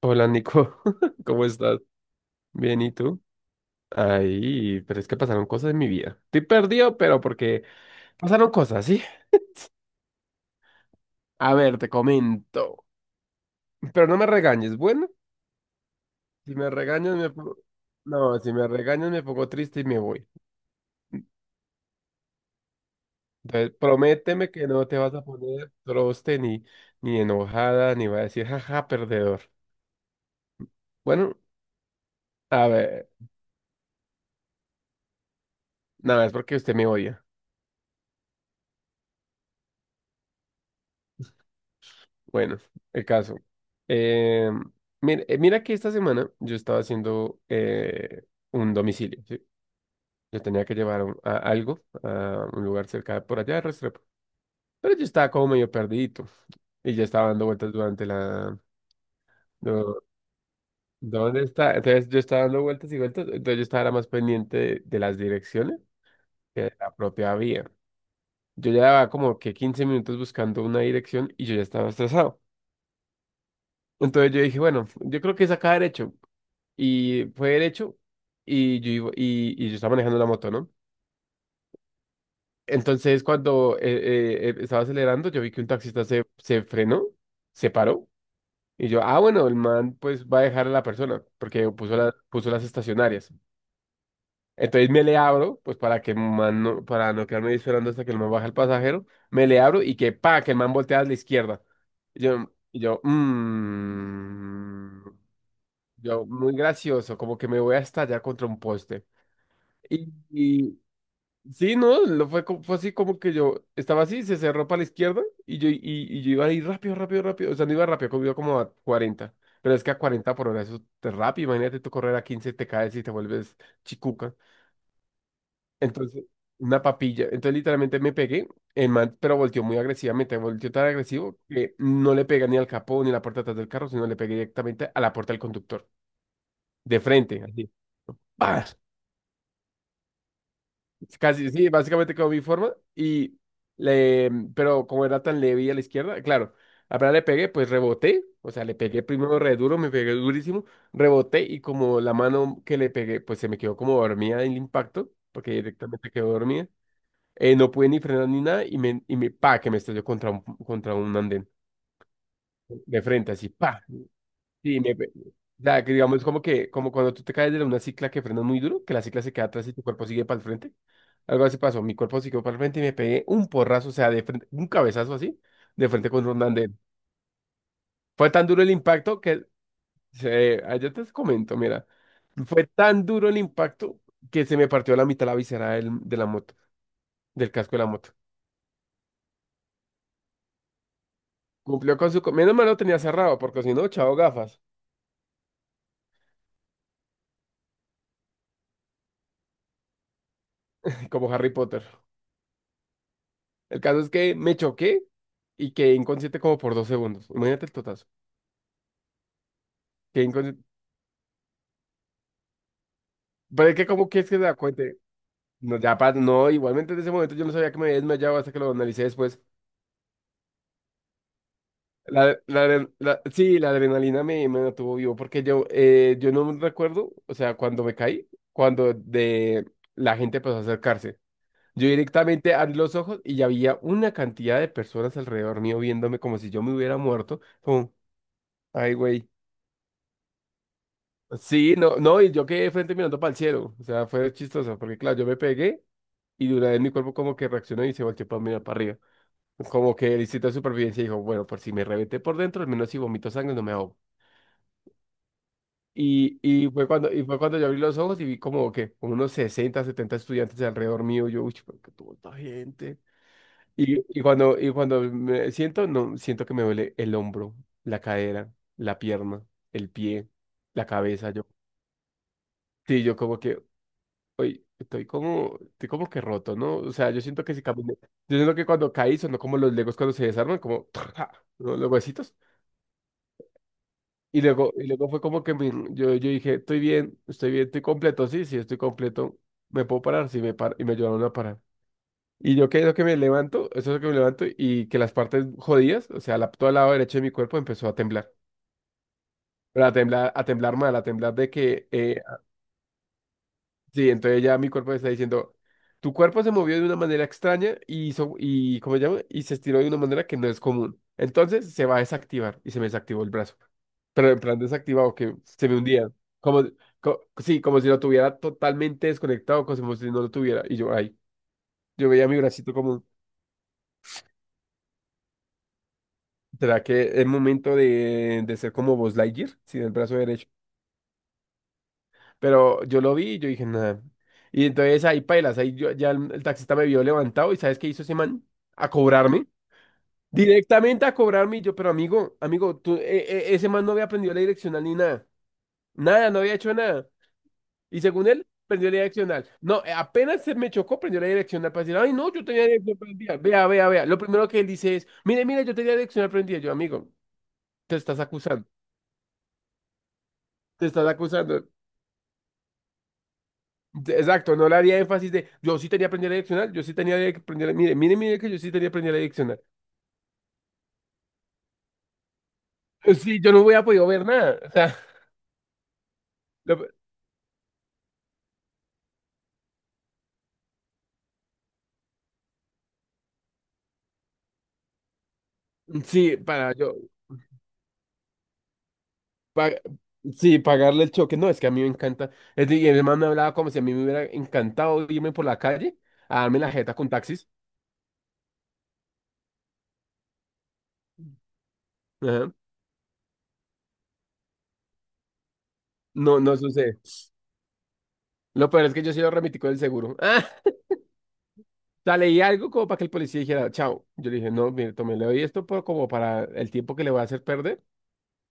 Hola Nico, ¿cómo estás? Bien, ¿y tú? Ay, pero es que pasaron cosas en mi vida. Estoy perdido, pero porque pasaron cosas, ¿sí? A ver, te comento. Pero no me regañes, ¿bueno? Si me regañas, me pongo... No, si me regañas, me pongo triste y me voy. Entonces, prométeme que no te vas a poner troste ni enojada, ni va a decir, jaja, perdedor. Bueno, a ver, nada, es porque usted me odia. Bueno, el caso. Eh, Mira, mira que esta semana yo estaba haciendo un domicilio, ¿sí? Yo tenía que llevar algo a un lugar cerca de por allá de Restrepo. Pero yo estaba como medio perdidito y ya estaba dando vueltas durante la... do- ¿Dónde está? Entonces yo estaba dando vueltas y vueltas, entonces yo estaba era más pendiente de las direcciones que de la propia vía. Yo llevaba como que 15 minutos buscando una dirección y yo ya estaba estresado. Entonces yo dije, bueno, yo creo que es acá derecho. Y fue derecho y yo estaba manejando la moto, ¿no? Entonces cuando estaba acelerando, yo vi que un taxista se frenó, se paró. Y yo, ah, bueno, el man pues va a dejar a la persona porque puso las estacionarias. Entonces me le abro, pues para que el man no, para no quedarme ahí esperando hasta que el man baja el pasajero, me le abro y que pa, que el man voltea a la izquierda. Y yo, y yo, mm, yo, muy gracioso, como que me voy a estallar contra un poste. Y, Sí, no, lo fue, fue así como que yo estaba así, se cerró para la izquierda y yo iba ahí rápido, rápido, rápido. O sea, no iba rápido, como iba como a 40. Pero es que a 40 por hora eso es rápido. Imagínate tú correr a 15 te caes y te vuelves chicuca. Entonces, una papilla. Entonces, literalmente me pegué. El man, pero volteó muy agresivamente. Volteó tan agresivo que no le pegué ni al capó ni a la puerta de atrás del carro, sino le pegué directamente a la puerta del conductor. De frente, así. ¡Pah! Casi, sí, básicamente como mi forma. Le, pero como era tan leve y a la izquierda, claro, apenas le pegué, pues reboté. O sea, le pegué primero re duro, me pegué durísimo, reboté y como la mano que le pegué, pues se me quedó como dormida en el impacto, porque directamente quedó dormida. No pude ni frenar ni nada y que me estalló contra un andén de frente, así, pa. Sí, o sea, que digamos como que, como cuando tú te caes de una cicla que frena muy duro, que la cicla se queda atrás y tu cuerpo sigue para el frente. Algo así pasó, mi cuerpo siguió para el frente y me pegué un porrazo, o sea, de frente, un cabezazo así, de frente con un andén. Fue tan duro el impacto que, yo te comento, mira, fue tan duro el impacto que se me partió la mitad la visera de la moto, del casco de la moto. Cumplió con su... Menos mal lo tenía cerrado, porque si no, chao gafas, como Harry Potter. El caso es que me choqué y quedé inconsciente como por 2 segundos. Imagínate el totazo. Quedé inconsciente. Pero es que, ¿cómo que es que se da cuenta? No, no, igualmente en ese momento yo no sabía que me había desmayado hasta que lo analicé después. Sí, la adrenalina me mantuvo vivo porque yo no recuerdo, o sea, cuando me caí, cuando de la gente empezó a acercarse. Yo directamente abrí los ojos y ya había una cantidad de personas alrededor mío viéndome como si yo me hubiera muerto. Como, ay, güey. Sí, no, no, y yo quedé frente mirando para el cielo. O sea, fue chistoso, porque claro, yo me pegué y de una vez mi cuerpo como que reaccionó y se volteó para mirar para arriba. Como que el instinto de supervivencia dijo, bueno, por si me reventé por dentro, al menos si vomito sangre no me ahogo. Y fue cuando yo abrí los ojos y vi como que unos 60 70 estudiantes alrededor mío. Yo, uy, pero qué tuvo esta gente. Y cuando me siento, no, siento que me duele el hombro, la cadera, la pierna, el pie, la cabeza. Yo, sí, yo como que, hoy estoy como, que roto, ¿no? O sea, yo siento que si caminé, yo siento que cuando caí sonó como los legos cuando se desarman, como ¿no? los huesitos. Y luego fue como que yo dije, estoy bien, estoy bien, estoy completo, sí, sí, estoy completo, me puedo parar, sí, me paro, y me ayudaron a parar. Y yo que lo que me levanto, eso es lo que me levanto, y que las partes jodidas, o sea, la, todo el lado derecho de mi cuerpo empezó a temblar. Pero a temblar mal, a temblar de que sí, entonces ya mi cuerpo me está diciendo, tu cuerpo se movió de una manera extraña y hizo, y, ¿cómo se llama? Y se estiró de una manera que no es común. Entonces se va a desactivar y se me desactivó el brazo. Pero en plan desactivado, que se me hundía. Como, sí, como si lo tuviera totalmente desconectado, como si no lo tuviera. Y yo, ay, yo veía mi bracito como, ¿será que es momento de ser como Buzz Lightyear? Sin el brazo derecho. Pero yo lo vi y yo dije, nada. Y entonces ahí pailas, ahí ya el taxista me vio levantado y ¿sabes qué hizo ese man? A cobrarme. Directamente a cobrarme. Y yo, pero amigo, amigo, tú, ese man no había aprendido la direccional ni nada. Nada, no había hecho nada. Y según él, aprendió la direccional. No, apenas se me chocó, aprendió la direccional para decir, ay, no, yo tenía direccional prendida. Vea, vea, vea. Lo primero que él dice es, mire, mire, yo tenía direccional prendida. Yo, amigo, te estás acusando. Te estás acusando. Exacto, no le haría énfasis de yo sí tenía que aprender a direccionar, yo sí tenía que aprender, mire, mire, mire que yo sí tenía que aprender a direccionar. Sí, yo no hubiera podido ver nada. O sea, lo- sí, para yo, pa- sí, pagarle el choque. No, es que a mí me encanta. Y el man me hablaba como si a mí me hubiera encantado irme por la calle a darme la jeta con taxis. Ajá. No, no sucede. Lo peor es que yo sí lo remití con el seguro. Ah, o sea, leí algo como para que el policía dijera, chao. Yo le dije, no, mire, tome, le doy esto por, como para el tiempo que le voy a hacer perder.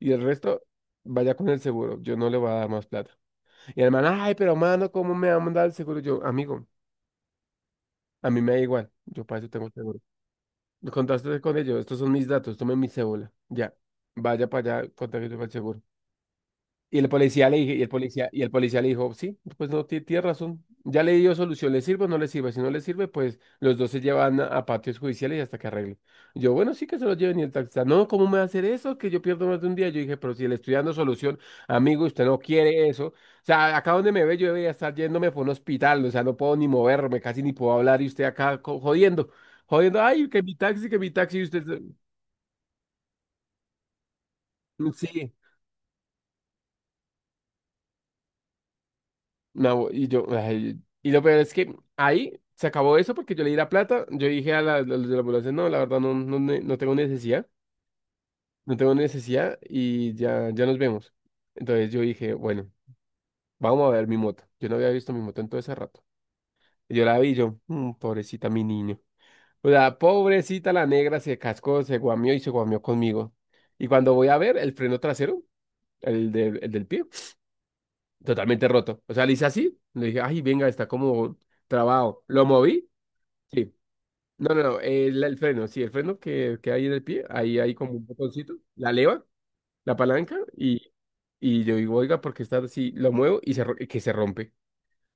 Y el resto, vaya con el seguro. Yo no le voy a dar más plata. Y el man, ay, pero mano, ¿cómo me va a mandar el seguro? Yo, amigo, a mí me da igual. Yo para eso tengo seguro. Contaste con ellos, estos son mis datos, tomen mi cédula. Ya, vaya para allá, contáctese con el seguro. Y el policía le dije, y el policía le dijo, sí, pues no, tiene razón. Ya le dio solución, ¿le sirve o no le sirve? Si no le sirve, pues los dos se llevan a patios judiciales hasta que arregle. Yo, bueno, sí que se los lleven y el taxista, no, ¿cómo me va a hacer eso? Que yo pierdo más de un día. Yo dije, pero si le estoy dando solución, amigo, usted no quiere eso. O sea, acá donde me ve, yo debería estar yéndome por un hospital, o sea, no puedo ni moverme, casi ni puedo hablar, y usted acá jodiendo, jodiendo, ay, que mi taxi, y usted, sí. No, y yo, ay, y lo peor es que ahí se acabó eso porque yo le di la plata, yo dije a los de la ambulancia, no, la verdad no tengo necesidad, no tengo necesidad y ya, ya nos vemos. Entonces yo dije, bueno, vamos a ver mi moto. Yo no había visto mi moto en todo ese rato. Y yo la vi, y yo, Pobrecita mi niño. O sea, pobrecita la negra se cascó, se guamió y se guamió conmigo. Y cuando voy a ver el freno trasero, el del pie, totalmente roto. O sea, le hice así, le dije, ay, venga, está como trabado. Lo moví. Sí. No, no, no, el freno, sí, el freno que hay en el pie, ahí hay como un botoncito, la leva, la palanca, y, yo digo, oiga, porque está así, lo muevo y y que se rompe.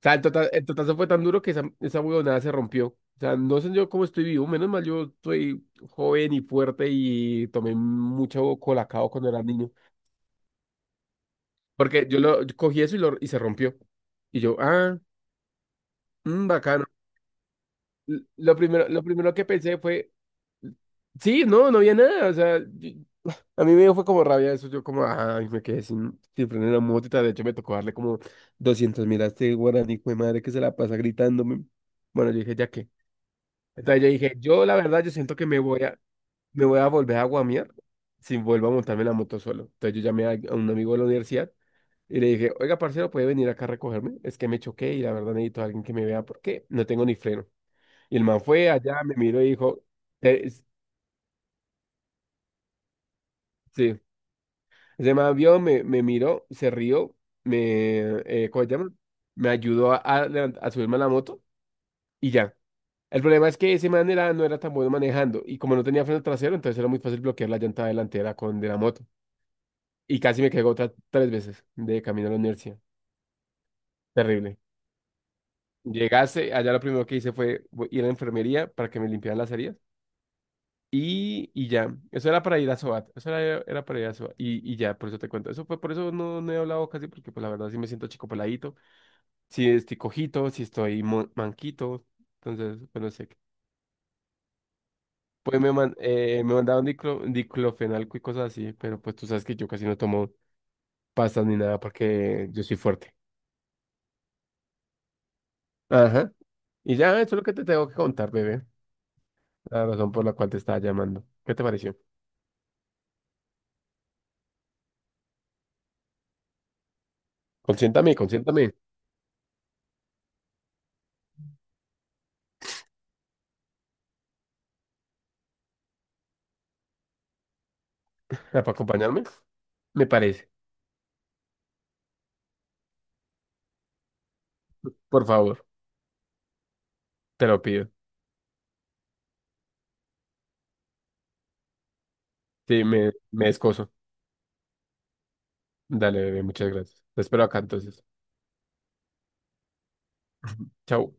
O sea, el totazo fue tan duro que esa huevonada se rompió. O sea, no sé yo cómo estoy vivo, menos mal yo soy joven y fuerte y tomé mucho colacao cuando era niño. Porque yo cogí eso y se rompió. Y yo, bacano. Lo primero que pensé fue, sí, no, no había nada. O sea, a mí me dio fue como rabia eso, yo como, ay, me quedé sin freno en la motita, de hecho me tocó darle como 200 mil a este guaraní, hijo de madre, que se la pasa gritándome. Bueno, yo dije, ¿ya qué? Entonces yo dije, yo la verdad, yo siento que me voy a volver a guamear si vuelvo a montarme la moto solo. Entonces yo llamé a un amigo de la universidad y le dije, oiga, parcero, ¿puede venir acá a recogerme? Es que me choqué y la verdad necesito a alguien que me vea porque no tengo ni freno. Y el man fue allá, me miró y dijo, "Eh, sí, Ese man vio, me miró, se rió, me, ¿cómo se llama? Me ayudó a subirme a la moto y ya. El problema es que ese man no era tan bueno manejando y como no tenía freno trasero, entonces era muy fácil bloquear la llanta delantera con de la moto. Y casi me caigo otras 3 veces de camino a la universidad. Terrible. Llegase, allá lo primero que hice fue ir a la enfermería para que me limpiaran las heridas y ya. Eso era para ir a SOAT, era para ir a SOAT y ya, por eso te cuento. Eso fue, por eso no he hablado casi porque pues la verdad sí me siento chico peladito. Si estoy cojito, si estoy manquito. Entonces, bueno no sé. Que. Pues me mandaron diclofenalco y cosas así, pero pues tú sabes que yo casi no tomo pastas ni nada porque yo soy fuerte. Ajá. Y ya, eso es lo que te tengo que contar, bebé. La razón por la cual te estaba llamando. ¿Qué te pareció? Consiéntame, consiéntame. Ah, ¿para acompañarme? Me parece. Por favor, te lo pido. Sí, me escozo. Dale, bebé, muchas gracias. Te espero acá entonces. Chao.